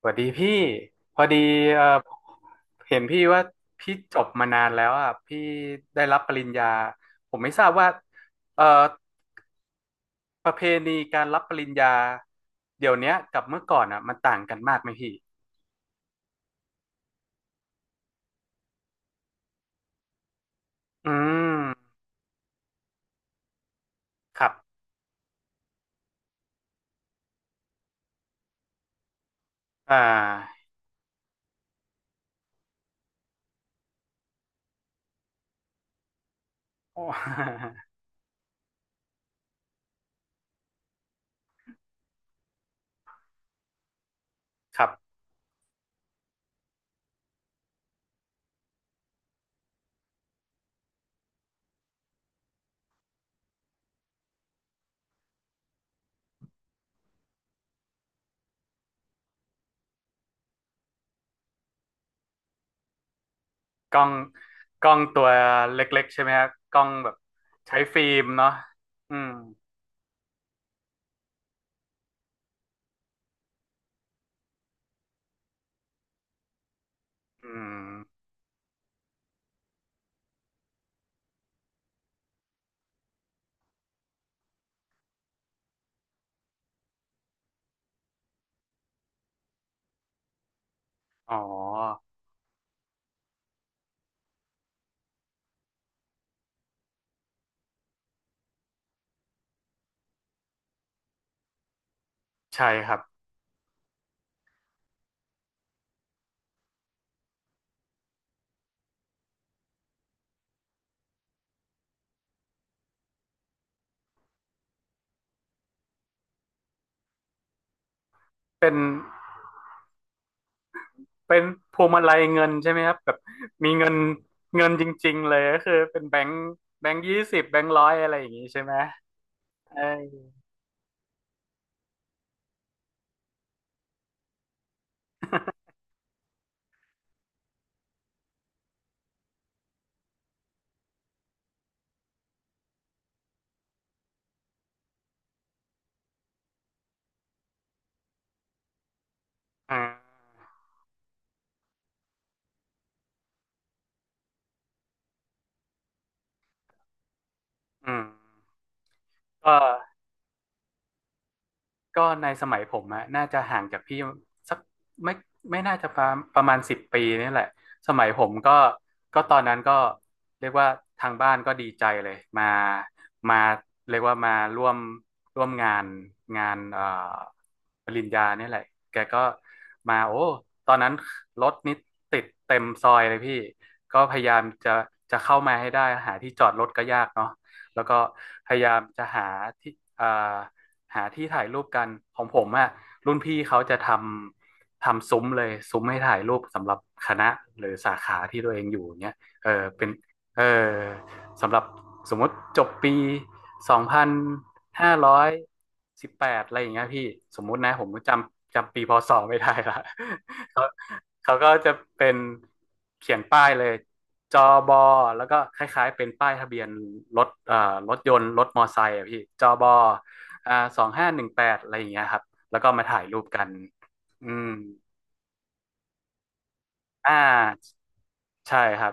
สวัสดีพี่พอดีเอ่อเห็นพี่ว่าพี่จบมานานแล้วอ่ะพี่ได้รับปริญญาผมไม่ทราบว่าเอ่อประเพณีการรับปริญญาเดี๋ยวเนี้ยกับเมื่อก่อนอ่ะมันต่างกันมากไหมพี่อืมครับอ่าโอ้ ครับกล้องกล้องตัวเล็กๆใช่ไหมฮะกล้องแบบใช้ฟิล์มเนาะอืมอืมอ๋อใช่ครับเป็น เป็นพวงมาลัยเงินใช่ไหมครับแบบมีเงินเงินจริงๆเลยก็คือเป็นแบงค์20แบงค์ร้อยอะไรอย่างงี้ใช่ไหมเอออืมอืมก็ ก็ในสมัยผมอะน่าจะห่างจากพี่สักไม่ไม่น่าจะประมาณ10 ปีนี่แหละสมัยผมก็ตอนนั้นก็เรียกว่าทางบ้านก็ดีใจเลยมาเรียกว่ามาร่วมร่วมงานปริญญาเนี่ยแหละแกก็มาโอ้ตอนนั้นรถนี่ติดเต็มซอยเลยพี่ก็พยายามจะเข้ามาให้ได้หาที่จอดรถก็ยากเนาะ แล้วก็พยายามจะหาที่อ่าหาที่ถ่ายรูปกันของผมอะรุ่นพี่เขาจะทำซุ้มเลยซุ้มให้ถ่ายรูปสำหรับคณะหรือสาขาที่ตัวเองอยู่เนี้ยเออเป็นเออสำหรับสมมติจบปี2518อะไรอย่างเงี้ยพี่สมมุตินะผมจำปีพศไม่ได้ละ เขา เขาก็จะเป็นเขียนป้ายเลยจอบอแล้วก็คล้ายๆเป็นป้ายทะเบียนรถรถยนต์รถมอไซค์อะพี่จอบอ2518อะไรอย่างเงี้ยครับแล้วก็มาถ่ายรูปกันอืม อ่าใช่ครับ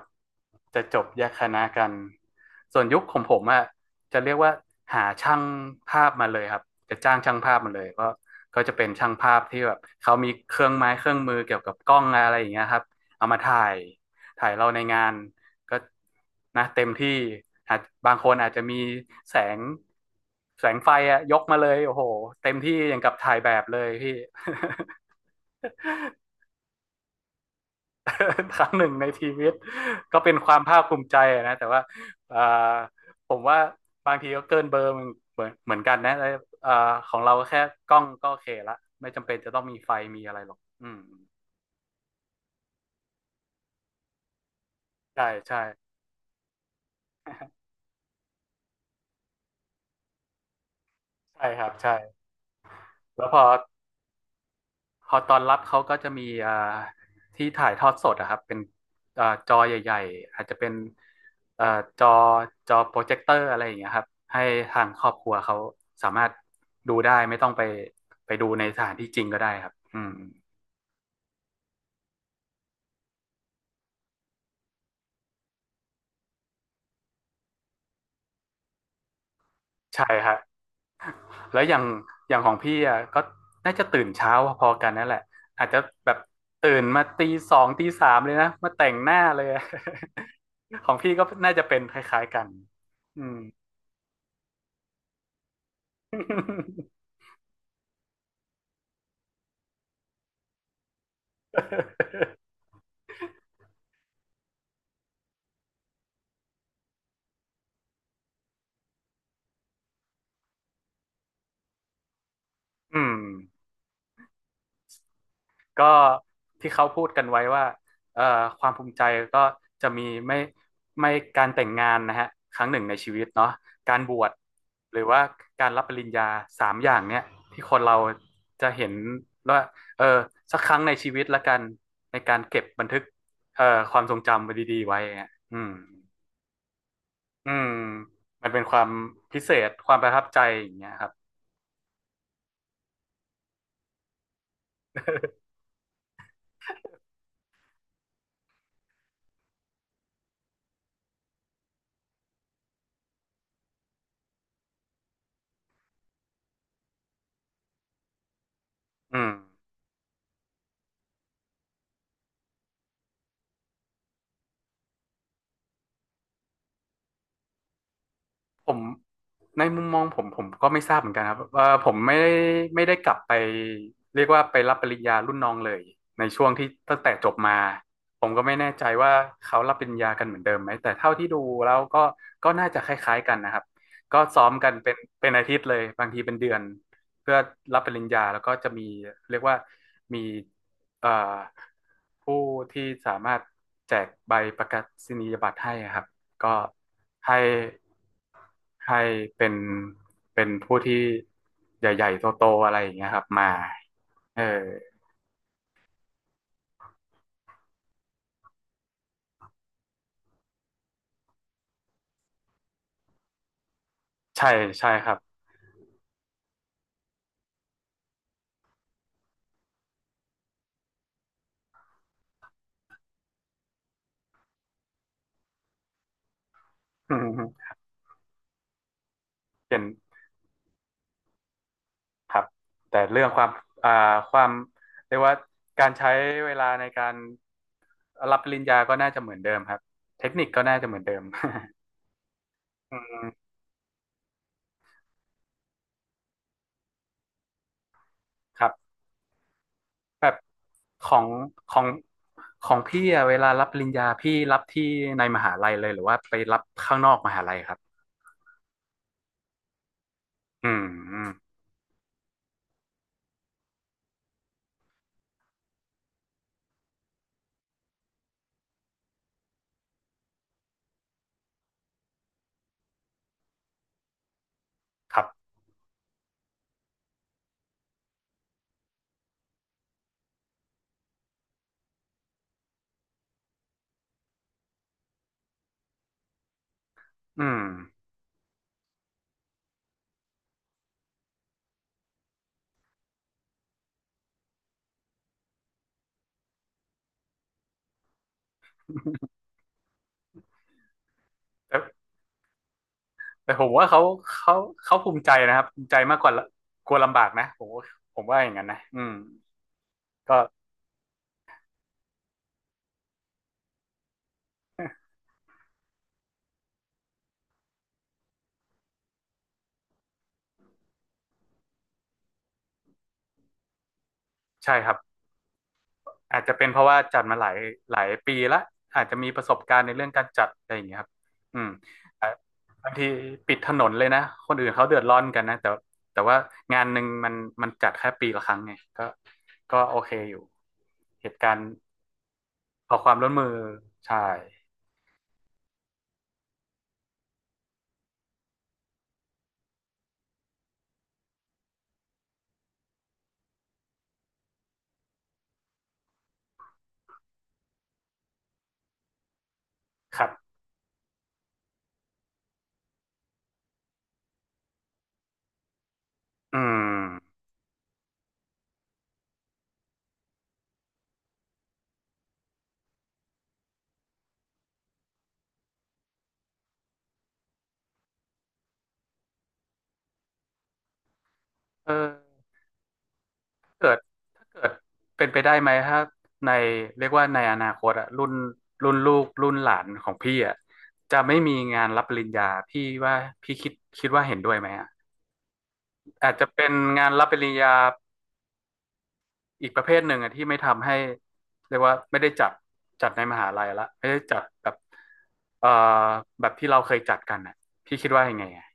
จะจบแยกคณะกันส่วนยุคของผมอะจะเรียกว่าหาช่างภาพมาเลยครับจะจ้างช่างภาพมาเลยก็จะเป็นช่างภาพที่แบบเขามีเครื่องไม้เครื่องมือเกี่ยวกับกล้องอะไรอย่างเงี้ยครับเอามาถ่ายเราในงานก็นะเต็มที่อาจบางคนอาจจะมีแสงแสงไฟอะยกมาเลยโอ้โหเต็มที่อย่างกับถ่ายแบบเลยพี่ ครั้งหนึ่งในชีวิตก็เป็นความภาคภูมิใจนะแต่ว่าผมว่าบางทีก็เกินเบอร์เหมือนกันนะแ่ของเราแค่กล้องก็โอเคละไม่จำเป็นจะต้องมีไฟมีอะไรหรอกอืมใช่ใช่ใช่ครับใช่แล้วพอตอนรับเขาก็จะมีที่ถ่ายทอดสดอะครับเป็นจอใหญ่ๆอาจจะเป็นอ่าจอจอโปรเจคเตอร์อะไรอย่างเงี้ยครับให้ทางครอบครัวเขาสามารถดูได้ไม่ต้องไปดูในสถานที่จริงก็ได้ครับอืมใช่ครับแล้วอย่างของพี่อ่ะก็น่าจะตื่นเช้าพอๆกันนั่นแหละอาจจะแบบตื่นมาตีสองตีสามเลยนะมาแต่งหน้าเลยอะ ของพี่ก็น่าจะเป็นคล้ายๆกันอืม อืมก็ที่เขาพูดกันไว้ว่าเอ่อความภูมิใจก็จะมีไม่ไม่การแต่งงานนะฮะครั้งหนึ่งในชีวิตเนาะการบวชหรือว่าการรับปริญญาสามอย่างเนี้ยที่คนเราจะเห็นว่าเออสักครั้งในชีวิตละกันในการเก็บบันทึกเอ่อความทรงจำไว้ดีๆไว้อะอืมอืมมันเป็นความพิเศษความประทับใจอย่างเงี้ยครับอืม ผมในมุมมองผมก็ไม่ทราบเหมือนกันครับว่าผมไม่ได้กลับไปเรียกว่าไปรับปริญญารุ่นน้องเลยในช่วงที่ตั้งแต่จบมาผมก็ไม่แน่ใจว่าเขารับปริญญากันเหมือนเดิมไหมแต่เท่าที่ดูแล้วก็น่าจะคล้ายๆกันนะครับก็ซ้อมกันเป็นอาทิตย์เลยบางทีเป็นเดือนเพื่อรับปริญญาแล้วก็จะมีเรียกว่ามีเอ่อผู้ที่สามารถแจกใบประกาศนียบัตรให้ครับก็ให้ ให้เป็นเป็นผู้ที่ใหญ่ๆโตๆอะไรอย่างเงี้ยครับมาเออใช่ใช่ครับ อืมเป็นครับแต่เรื่องอ่าความเรียกว่าการใช้เวลาในการรับปริญญาก็น่าจะเหมือนเดิมครับเทคนิคก็น่าจะเหมือนเดิม อืมครับแบบของของของพี่อะเวลารับปริญญาพี่รับที่ในมหาลัยเลยหรือว่าไปรับข้างนอกมหาลัยครับอืมอืมครับอืม แล้ว แต่ผมว่าเขาเขาภูมิใจนะครับภูมิใจมากกว่าละกลัวลำบากนะผมว่าผมว่าอย่างนั้นนะอืมก็ใช่ครับอาจจะเป็นเพราะว่าจัดมาหลายหลายปีละอาจจะมีประสบการณ์ในเรื่องการจัดอะไรอย่างเงี้ยครับอืมอ่ะบางทีปิดถนนเลยนะคนอื่นเขาเดือดร้อนกันนะแต่ว่างานหนึ่งมันจัดแค่ปีละครั้งไงก็ก็โอเคอยู่เหตุการณ์ขอความร่วมมือใช่ครับอืมเออเกิด เกิดเป็นไปได้ไหมถ้าในเรียกว่าในอนาคตอะรุ่นลูกรุ่นหลานของพี่อะจะไม่มีงานรับปริญญาพี่ว่าพี่คิดว่าเห็นด้วยไหมอะอาจจะเป็นงานรับปริญญาอีกประเภทหนึ่งอะที่ไม่ทำให้เรียกว่าไม่ได้จัดในมหาลัยละไม่ได้จัดแบบเอ่อแบบที่เราเคยจัดกันอะพี่คิดว่ายังไงอะ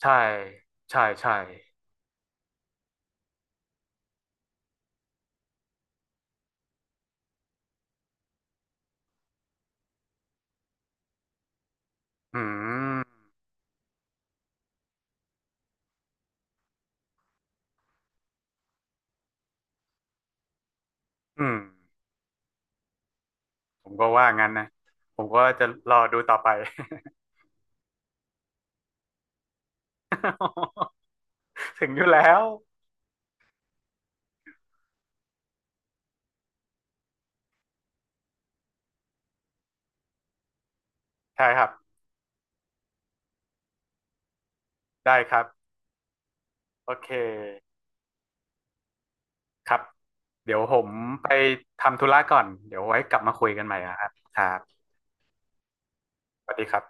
ใช่ใช่ใช่อืมอืมผมก็ว่างั้นนะผมก็จะรอดูต่อไป ถึงอยู่แล้วใช่ครับได้ครับโอเคครับเดี๋ยวผมไปทำธุระก่อนเดี๋ยวไว้กลับมาคุยกันใหม่นะครับครับสวัสดีครับ